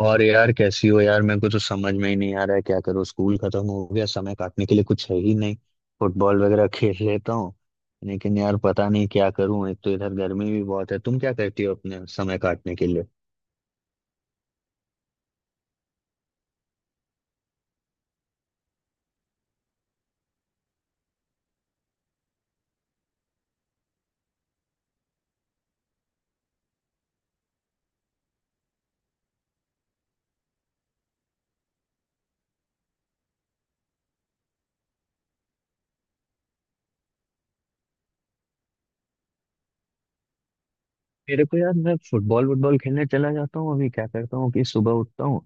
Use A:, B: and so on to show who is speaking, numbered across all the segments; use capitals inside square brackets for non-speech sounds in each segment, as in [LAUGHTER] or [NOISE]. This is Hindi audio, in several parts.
A: और यार, कैसी हो यार? मेरे को तो समझ में ही नहीं आ रहा है क्या करूँ। स्कूल खत्म हो गया, समय काटने के लिए कुछ है ही नहीं। फुटबॉल वगैरह खेल लेता हूँ। लेकिन यार पता नहीं क्या करूँ, एक तो इधर गर्मी भी बहुत है। तुम क्या करती हो अपने समय काटने के लिए? मेरे को यार, मैं फुटबॉल वुटबॉल खेलने चला जाता हूँ। अभी क्या करता हूँ कि सुबह उठता हूँ,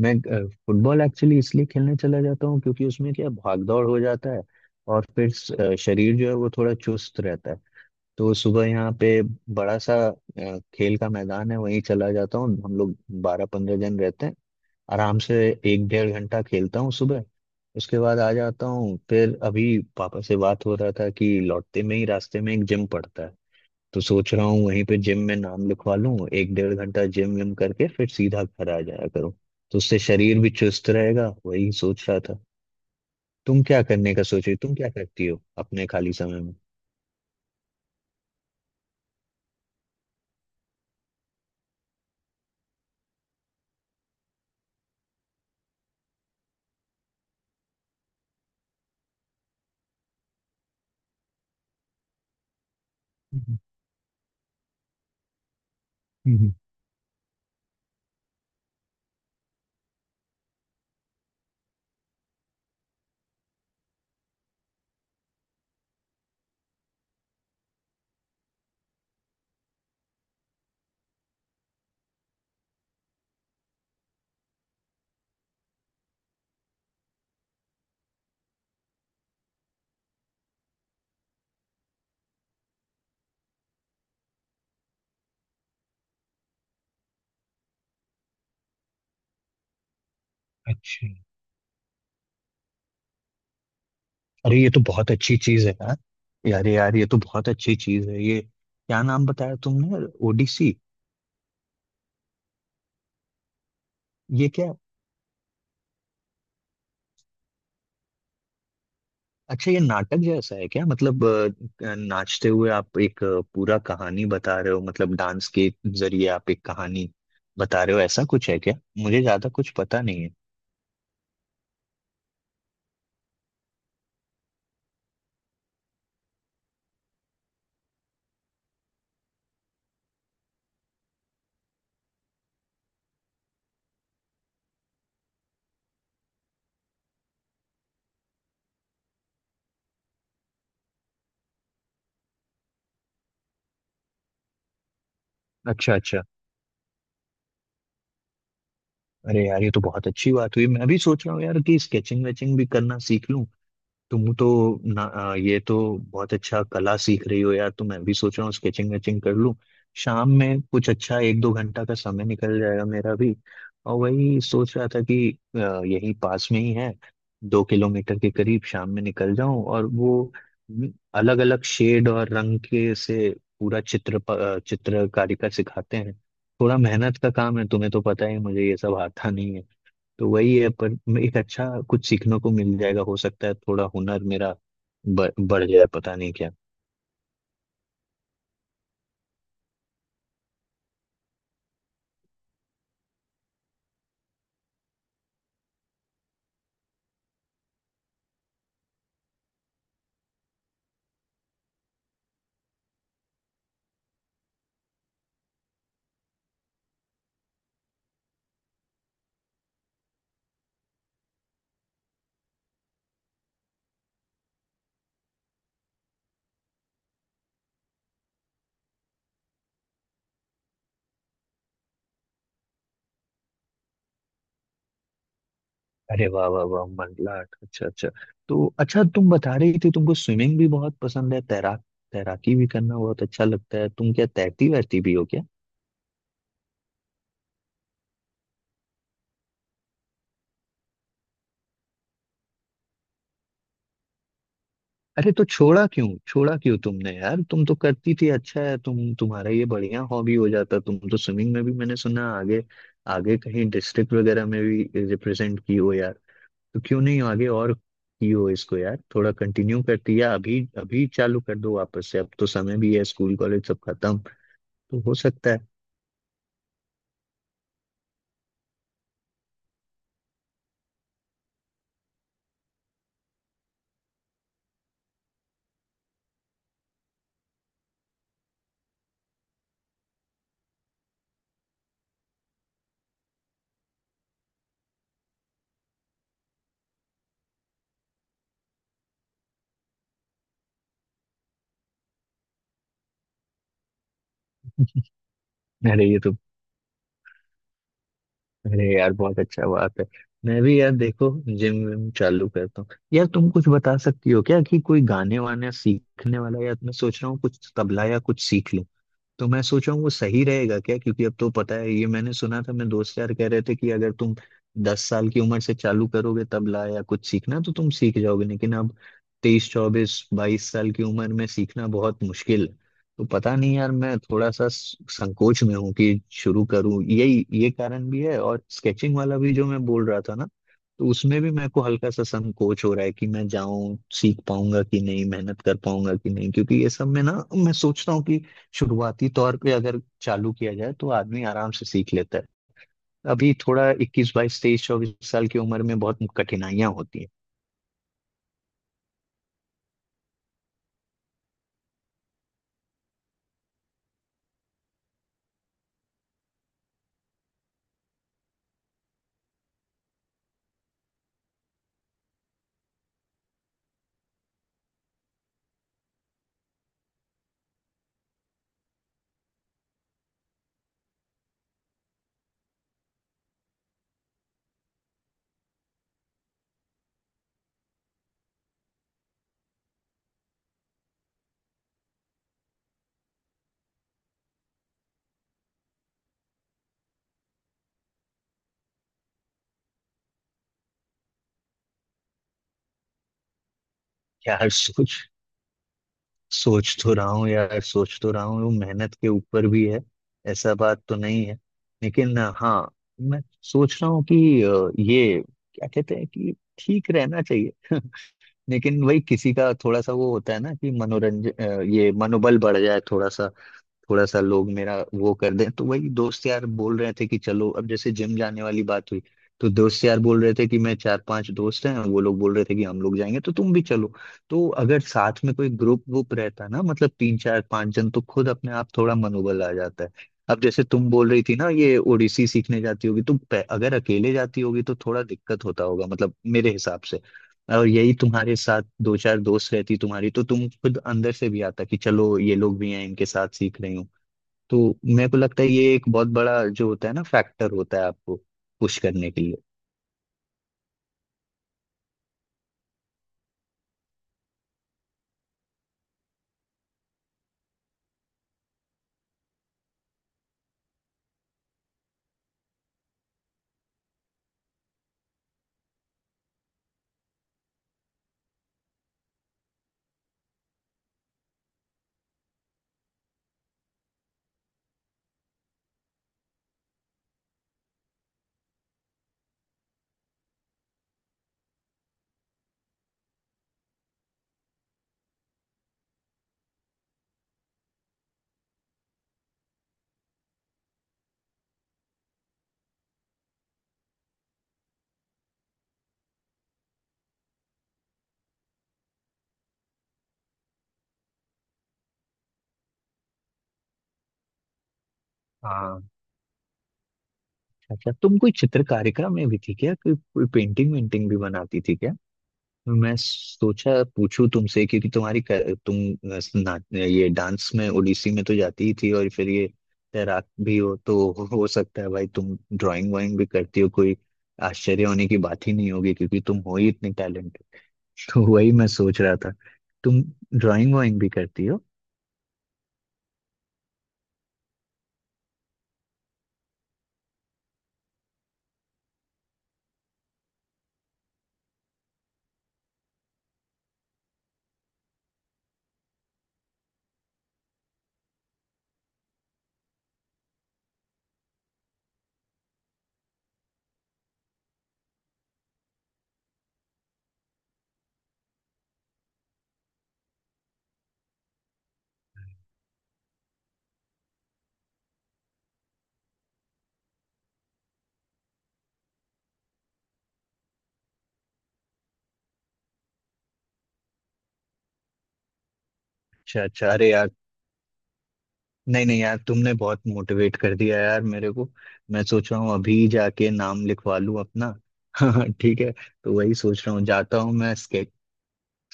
A: मैं फुटबॉल एक्चुअली इसलिए खेलने चला जाता हूँ क्योंकि उसमें क्या भाग दौड़ हो जाता है। और फिर शरीर जो है वो थोड़ा चुस्त रहता है। तो सुबह यहाँ पे बड़ा सा खेल का मैदान है, वहीं चला जाता हूँ। हम लोग 12 15 जन रहते हैं आराम से। एक डेढ़ घंटा खेलता हूँ सुबह। उसके बाद आ जाता हूँ। फिर अभी पापा से बात हो रहा था कि लौटते में ही रास्ते में एक जिम पड़ता है, तो सोच रहा हूँ वहीं पे जिम में नाम लिखवा लूँ। एक डेढ़ घंटा जिम विम करके फिर सीधा घर आ जाया करूँ, तो उससे शरीर भी चुस्त रहेगा, वही सोच रहा था। तुम क्या करने का सोच रही, तुम क्या करती हो अपने खाली समय में? हम्म। हम्म। अच्छा। अरे ये तो बहुत अच्छी चीज है यार। यार यार ये तो बहुत अच्छी चीज है, ये क्या नाम बताया तुमने? ओडिसी? ये क्या, अच्छा ये नाटक जैसा है क्या? मतलब नाचते हुए आप एक पूरा कहानी बता रहे हो, मतलब डांस के जरिए आप एक कहानी बता रहे हो, ऐसा कुछ है क्या? मुझे ज्यादा कुछ पता नहीं है। अच्छा अच्छा। अरे यार ये तो बहुत अच्छी बात हुई। मैं भी सोच रहा हूँ यार कि स्केचिंग वेचिंग भी करना सीख लूं। तुम तो ये तो बहुत अच्छा कला सीख रही हो यार, तो मैं भी सोच रहा हूँ स्केचिंग वेचिंग कर लूँ। शाम में कुछ अच्छा एक दो घंटा का समय निकल जाएगा मेरा भी। और वही सोच रहा था कि यही पास में ही है, 2 किलोमीटर के करीब, शाम में निकल जाऊं। और वो अलग अलग शेड और रंग के से पूरा चित्रकारी का सिखाते हैं। थोड़ा मेहनत का काम है, तुम्हें तो पता ही है, मुझे ये सब आता नहीं है। तो वही है, पर एक अच्छा कुछ सीखने को मिल जाएगा। हो सकता है थोड़ा हुनर मेरा बढ़ जाए, पता नहीं क्या। अरे वाह वाह वाह, मंडलाट, अच्छा अच्छा। तो अच्छा, तुम बता रही थी तुमको स्विमिंग भी बहुत पसंद है, तैराक, तैराकी भी करना बहुत अच्छा लगता है। तुम क्या तैरती वैरती भी हो क्या? अरे तो छोड़ा क्यों, छोड़ा क्यों तुमने यार? तुम तो करती थी, अच्छा है तुम, तुम्हारा ये बढ़िया हॉबी हो जाता। तुम तो स्विमिंग में भी, मैंने सुना, आगे आगे कहीं डिस्ट्रिक्ट वगैरह में भी रिप्रेजेंट की हो यार। तो क्यों नहीं आगे और कियो इसको, यार थोड़ा कंटिन्यू करती है। अभी अभी चालू कर दो वापस से, अब तो समय भी है, स्कूल कॉलेज सब खत्म, तो हो सकता है। अरे ये तो, अरे यार बहुत अच्छा बात है। मैं भी यार देखो जिम विम चालू करता हूँ। यार तुम कुछ बता सकती हो क्या कि कोई गाने वाने सीखने वाला, या मैं सोच रहा हूँ कुछ तबला या कुछ सीख, तो मैं सोच रहा हूँ वो सही रहेगा क्या? क्योंकि अब तो पता है, ये मैंने सुना था, मैं दोस्त यार कह रहे थे कि अगर तुम 10 साल की उम्र से चालू करोगे तबला या कुछ सीखना, तो तुम सीख जाओगे। लेकिन अब 23 24 22 साल की उम्र में सीखना बहुत मुश्किल है। तो पता नहीं यार, मैं थोड़ा सा संकोच में हूँ कि शुरू करूँ, यही ये कारण भी है। और स्केचिंग वाला भी जो मैं बोल रहा था ना, तो उसमें भी मेरे को हल्का सा संकोच हो रहा है कि मैं जाऊं, सीख पाऊंगा कि नहीं, मेहनत कर पाऊंगा कि नहीं, क्योंकि ये सब में ना, मैं सोचता हूँ शुरुआती तौर पे अगर चालू किया जाए तो आदमी आराम से सीख लेता है। अभी थोड़ा 21 22 23 24 साल की उम्र में बहुत कठिनाइयां होती हैं। यार सोच सोच तो रहा हूँ यार, सोच तो रहा हूँ, वो मेहनत के ऊपर भी है, ऐसा बात तो नहीं है। लेकिन हाँ, मैं सोच रहा हूँ कि ये क्या कहते हैं कि ठीक रहना चाहिए। [LAUGHS] लेकिन वही, किसी का थोड़ा सा वो होता है ना कि मनोरंजन, ये मनोबल बढ़ जाए थोड़ा सा। थोड़ा सा लोग मेरा वो कर दें, तो वही दोस्त यार बोल रहे थे कि चलो, अब जैसे जिम जाने वाली बात हुई, तो दोस्त यार बोल रहे थे कि मैं चार पांच दोस्त हैं, वो लोग बोल रहे थे कि हम लोग जाएंगे तो तुम भी चलो। तो अगर साथ में कोई ग्रुप ग्रुप रहता ना, मतलब तीन चार पांच जन, तो खुद अपने आप थोड़ा मनोबल आ जाता है। अब जैसे तुम बोल रही थी ना, ये ओडिसी सीखने जाती होगी, तो अगर अकेले जाती होगी तो थोड़ा दिक्कत होता होगा, मतलब मेरे हिसाब से। और यही तुम्हारे साथ दो चार दोस्त रहती तुम्हारी, तो तुम खुद अंदर से भी आता कि चलो ये लोग भी हैं, इनके साथ सीख रही हूँ। तो मेरे को लगता है ये एक बहुत बड़ा जो होता है ना, फैक्टर होता है आपको पुश करने के लिए। हाँ। अच्छा तुम कोई चित्रकारिता में भी थी क्या? कोई कोई पेंटिंग वेंटिंग भी बनाती थी क्या? मैं सोचा पूछूं तुमसे क्योंकि तुम्हारी तुम ये डांस में, ओडिसी में तो जाती ही थी, और फिर ये तैराक भी हो, तो हो सकता है भाई तुम ड्राइंग वाइंग भी करती हो। कोई आश्चर्य होने की बात ही नहीं होगी क्योंकि तुम हो ही इतनी टैलेंटेड। तो वही मैं सोच रहा था, तुम ड्राइंग वाइंग भी करती हो? अच्छा अच्छा। अरे यार, नहीं नहीं यार तुमने बहुत मोटिवेट कर दिया यार मेरे को। मैं सोच रहा हूँ अभी जाके नाम लिखवा लूँ अपना। [LAUGHS] ठीक है, तो वही सोच रहा हूँ, जाता हूँ मैं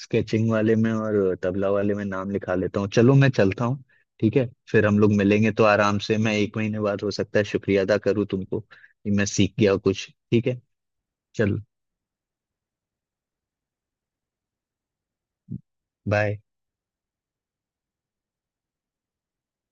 A: स्केचिंग वाले में और तबला वाले में नाम लिखा लेता हूँ। चलो मैं चलता हूँ, ठीक है, फिर हम लोग मिलेंगे। तो आराम से मैं एक महीने बाद हो सकता है शुक्रिया अदा करूँ तुमको कि मैं सीख गया कुछ। ठीक है, चलो, बाय।